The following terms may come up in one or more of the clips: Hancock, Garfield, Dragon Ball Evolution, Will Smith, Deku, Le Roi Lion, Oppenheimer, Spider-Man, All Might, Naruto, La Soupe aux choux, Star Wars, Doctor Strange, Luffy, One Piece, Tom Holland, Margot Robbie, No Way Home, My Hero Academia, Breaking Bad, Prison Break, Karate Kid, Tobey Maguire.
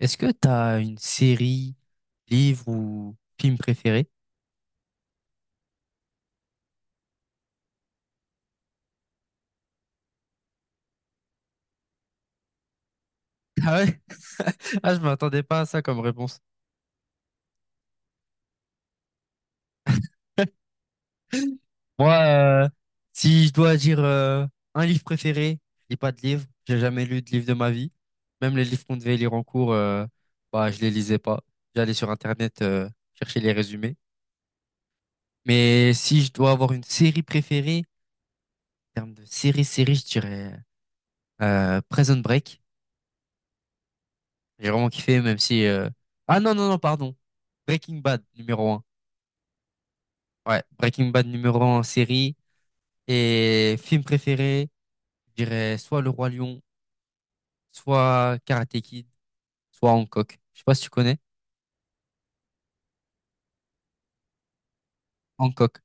Est-ce que t'as une série, livre ou film préféré? Ah ouais? Ah, je m'attendais pas à ça comme réponse. Moi, euh, si je dois dire un livre préféré, je lis pas de livre. J'ai jamais lu de livre de ma vie. Même les livres qu'on devait lire en cours, bah, je les lisais pas. J'allais sur Internet chercher les résumés. Mais si je dois avoir une série préférée, en termes de série, série, je dirais Prison Break. J'ai vraiment kiffé, même si. Ah non, non, non, pardon. Breaking Bad, numéro un. Ouais, Breaking Bad, numéro un en série. Et film préféré, je dirais soit Le Roi Lion, soit Karate Kid, soit Hancock. Je sais pas si tu connais. Hancock.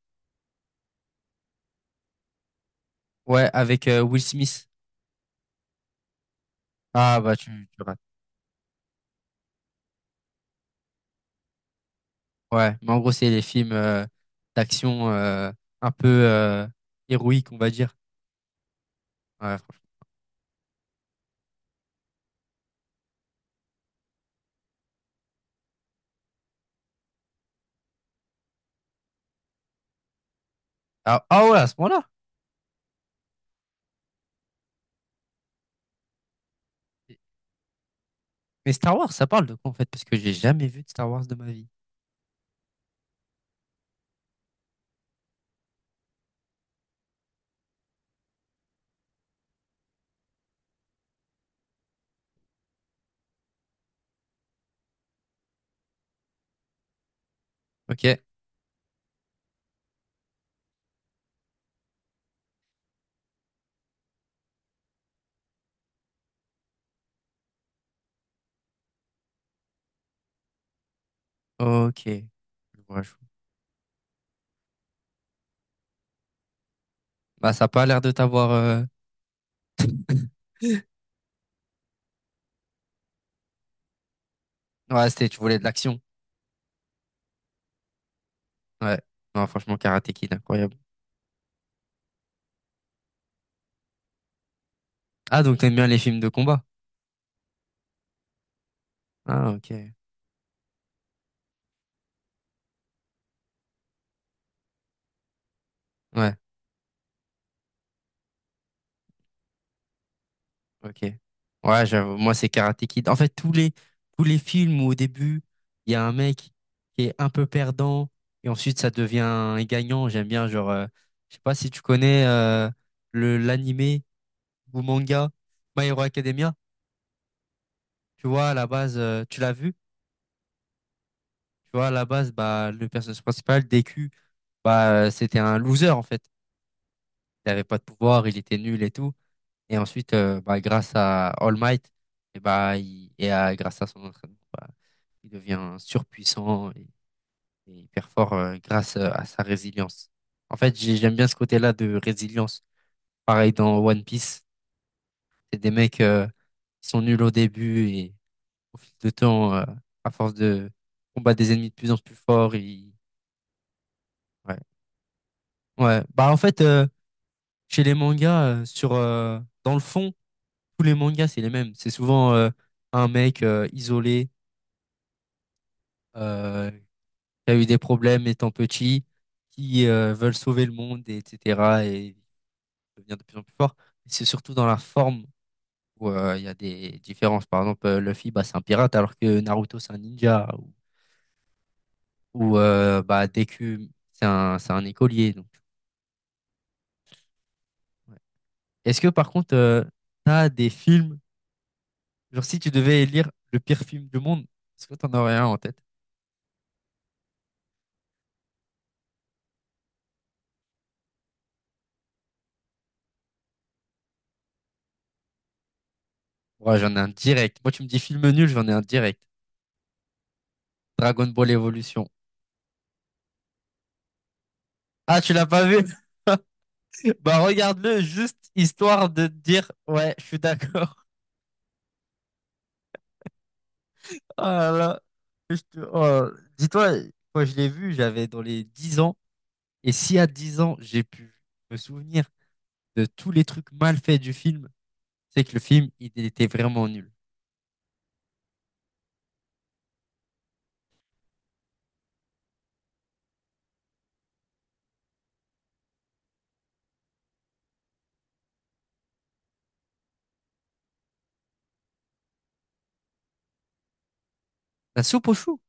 Ouais, avec Will Smith. Ah bah tu rates. Ouais, mais en gros, c'est les films d'action un peu héroïques, on va dire. Ouais, franchement. Ah, ah ouais, à ce moment-là. Mais Star Wars, ça parle de quoi en fait? Parce que j'ai jamais vu de Star Wars de ma vie. Ok. Ok. Je vois, je vois. Bah, ça n'a pas l'air de t'avoir. Ouais, c'était, tu voulais de l'action. Ouais. Non, franchement, Karate Kid, incroyable. Ah, donc t'aimes bien les films de combat. Ah, ok. Ouais, ok. Ouais, j'avoue, moi, c'est Karate Kid. En fait, tous les films où au début, il y a un mec qui est un peu perdant et ensuite ça devient un gagnant. J'aime bien, genre, je sais pas si tu connais l'animé ou manga My Hero Academia. Tu vois, à la base, tu l'as vu? Tu vois, à la base, bah, le personnage principal, DQ, bah, c'était un loser, en fait. Il n'avait pas de pouvoir, il était nul et tout. Et ensuite, bah, grâce à All Might, et bah, et à, grâce à son entraînement, bah, il devient surpuissant et, hyper fort grâce à sa résilience. En fait, j'aime bien ce côté-là de résilience. Pareil dans One Piece, c'est des mecs qui sont nuls au début et au fil de temps, à force de combattre des ennemis de plus en plus forts, ils. Ouais. Ouais, bah en fait, chez les mangas, sur, dans le fond, tous les mangas, c'est les mêmes. C'est souvent un mec isolé qui a eu des problèmes étant petit, qui veulent sauver le monde, et etc. Et devenir de plus en plus fort. C'est surtout dans la forme où il y a des différences. Par exemple, Luffy, bah, c'est un pirate, alors que Naruto, c'est un ninja, ou, bah, Deku, c'est un écolier. Donc, ouais. Est-ce que par contre, t'as des films. Genre, si tu devais élire le pire film du monde, est-ce que t'en aurais un en tête? Ouais, j'en ai un direct. Moi, tu me dis film nul, j'en ai un direct. Dragon Ball Evolution. Ah, tu l'as pas vu? Bah, regarde-le, juste histoire de te dire, ouais, je suis d'accord. Oh là là, oh. Dis-toi, quand je l'ai vu, j'avais dans les 10 ans. Et si à 10 ans, j'ai pu me souvenir de tous les trucs mal faits du film, c'est que le film, il était vraiment nul. La soupe aux choux?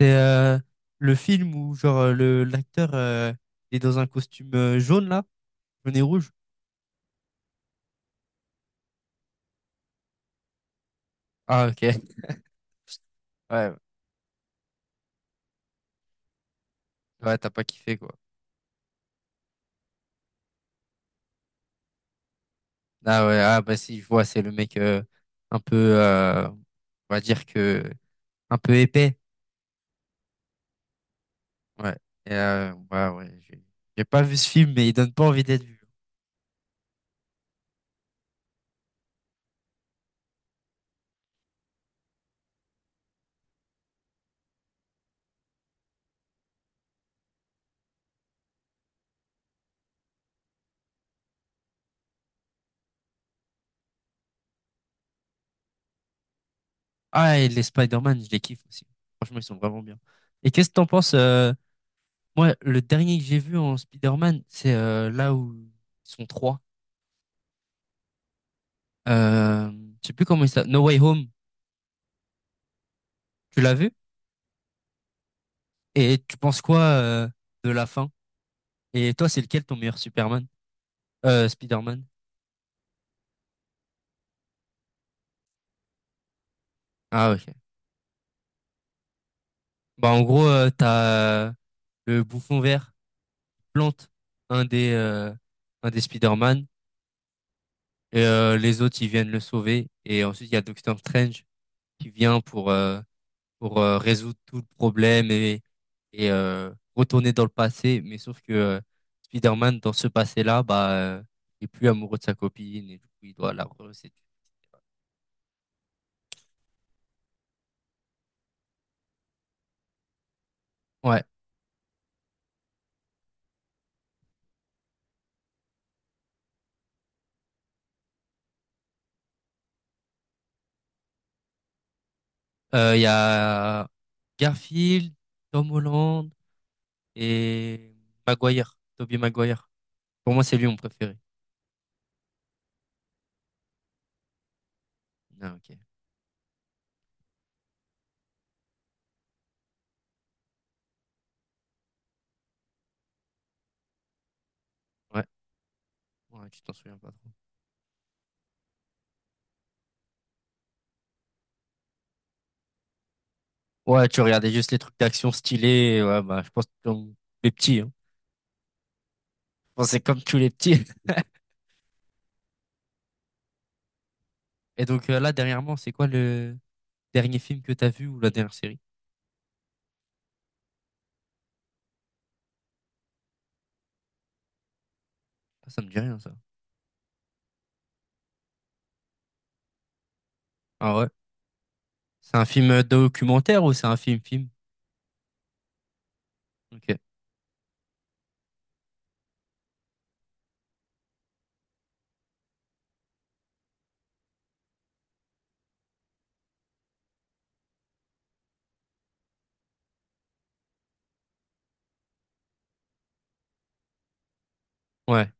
C'est le film où genre le l'acteur il est dans un costume jaune là, jaune et rouge. Ah ok. Ouais, ouais, t'as pas kiffé quoi. Ah ouais, ah bah si, je vois, c'est le mec un peu on va dire que un peu épais. Ouais. Et, ouais, ouais, j'ai pas vu ce film mais il donne pas envie d'être vu. Ah et les Spider-Man, je les kiffe aussi. Franchement, ils sont vraiment bien. Et qu'est-ce que t'en penses moi le dernier que j'ai vu en Spider-Man, c'est là où ils sont trois. Euh, je sais plus comment il s'appelle. No Way Home, tu l'as vu? Et tu penses quoi de la fin? Et toi, c'est lequel ton meilleur Superman? Spider-Man? Ah, ok. Bah, en gros, t'as le bouffon vert plante un des, euh, un des Spider-Man et les autres, ils viennent le sauver. Et ensuite, il y a Doctor Strange qui vient pour résoudre tout le problème retourner dans le passé. Mais sauf que Spider-Man, dans ce passé-là, bah, il est plus amoureux de sa copine et du coup, il doit la reséduire. Ouais. Il y a Garfield, Tom Holland et Maguire, Tobey Maguire. Pour moi, c'est lui mon préféré. Ah, ok. Ouais. Ouais, tu t'en souviens pas trop. Ouais, tu regardais juste les trucs d'action stylés. Ouais, bah, je pense comme les petits, hein. Je pense que c'est comme tous les petits. Et donc, là, dernièrement, c'est quoi dernier film que t'as vu ou la dernière série? Ah, ça me dit rien, ça. Ah ouais? C'est un film documentaire ou c'est un film-film? Ok. Ouais.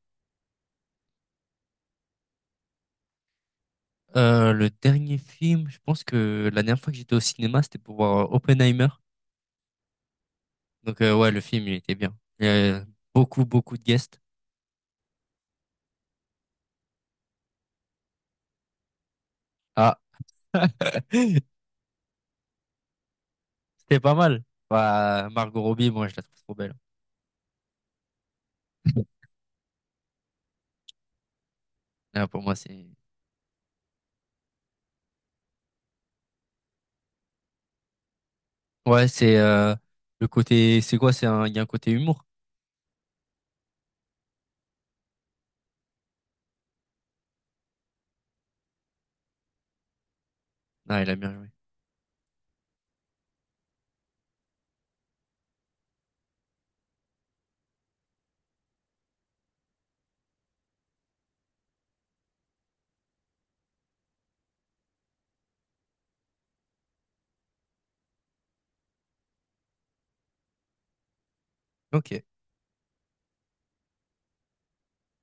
Le dernier film, je pense que la dernière fois que j'étais au cinéma, c'était pour voir Oppenheimer. Donc ouais, le film, il était bien. Il y a beaucoup, beaucoup de guests. Ah. C'était pas mal. Bah, Margot Robbie, moi, je la trouve trop belle. Là, pour moi, c'est. Ouais, c'est le côté. C'est quoi? C'est un. Il y a un côté humour. Ah, il a bien joué. Ok.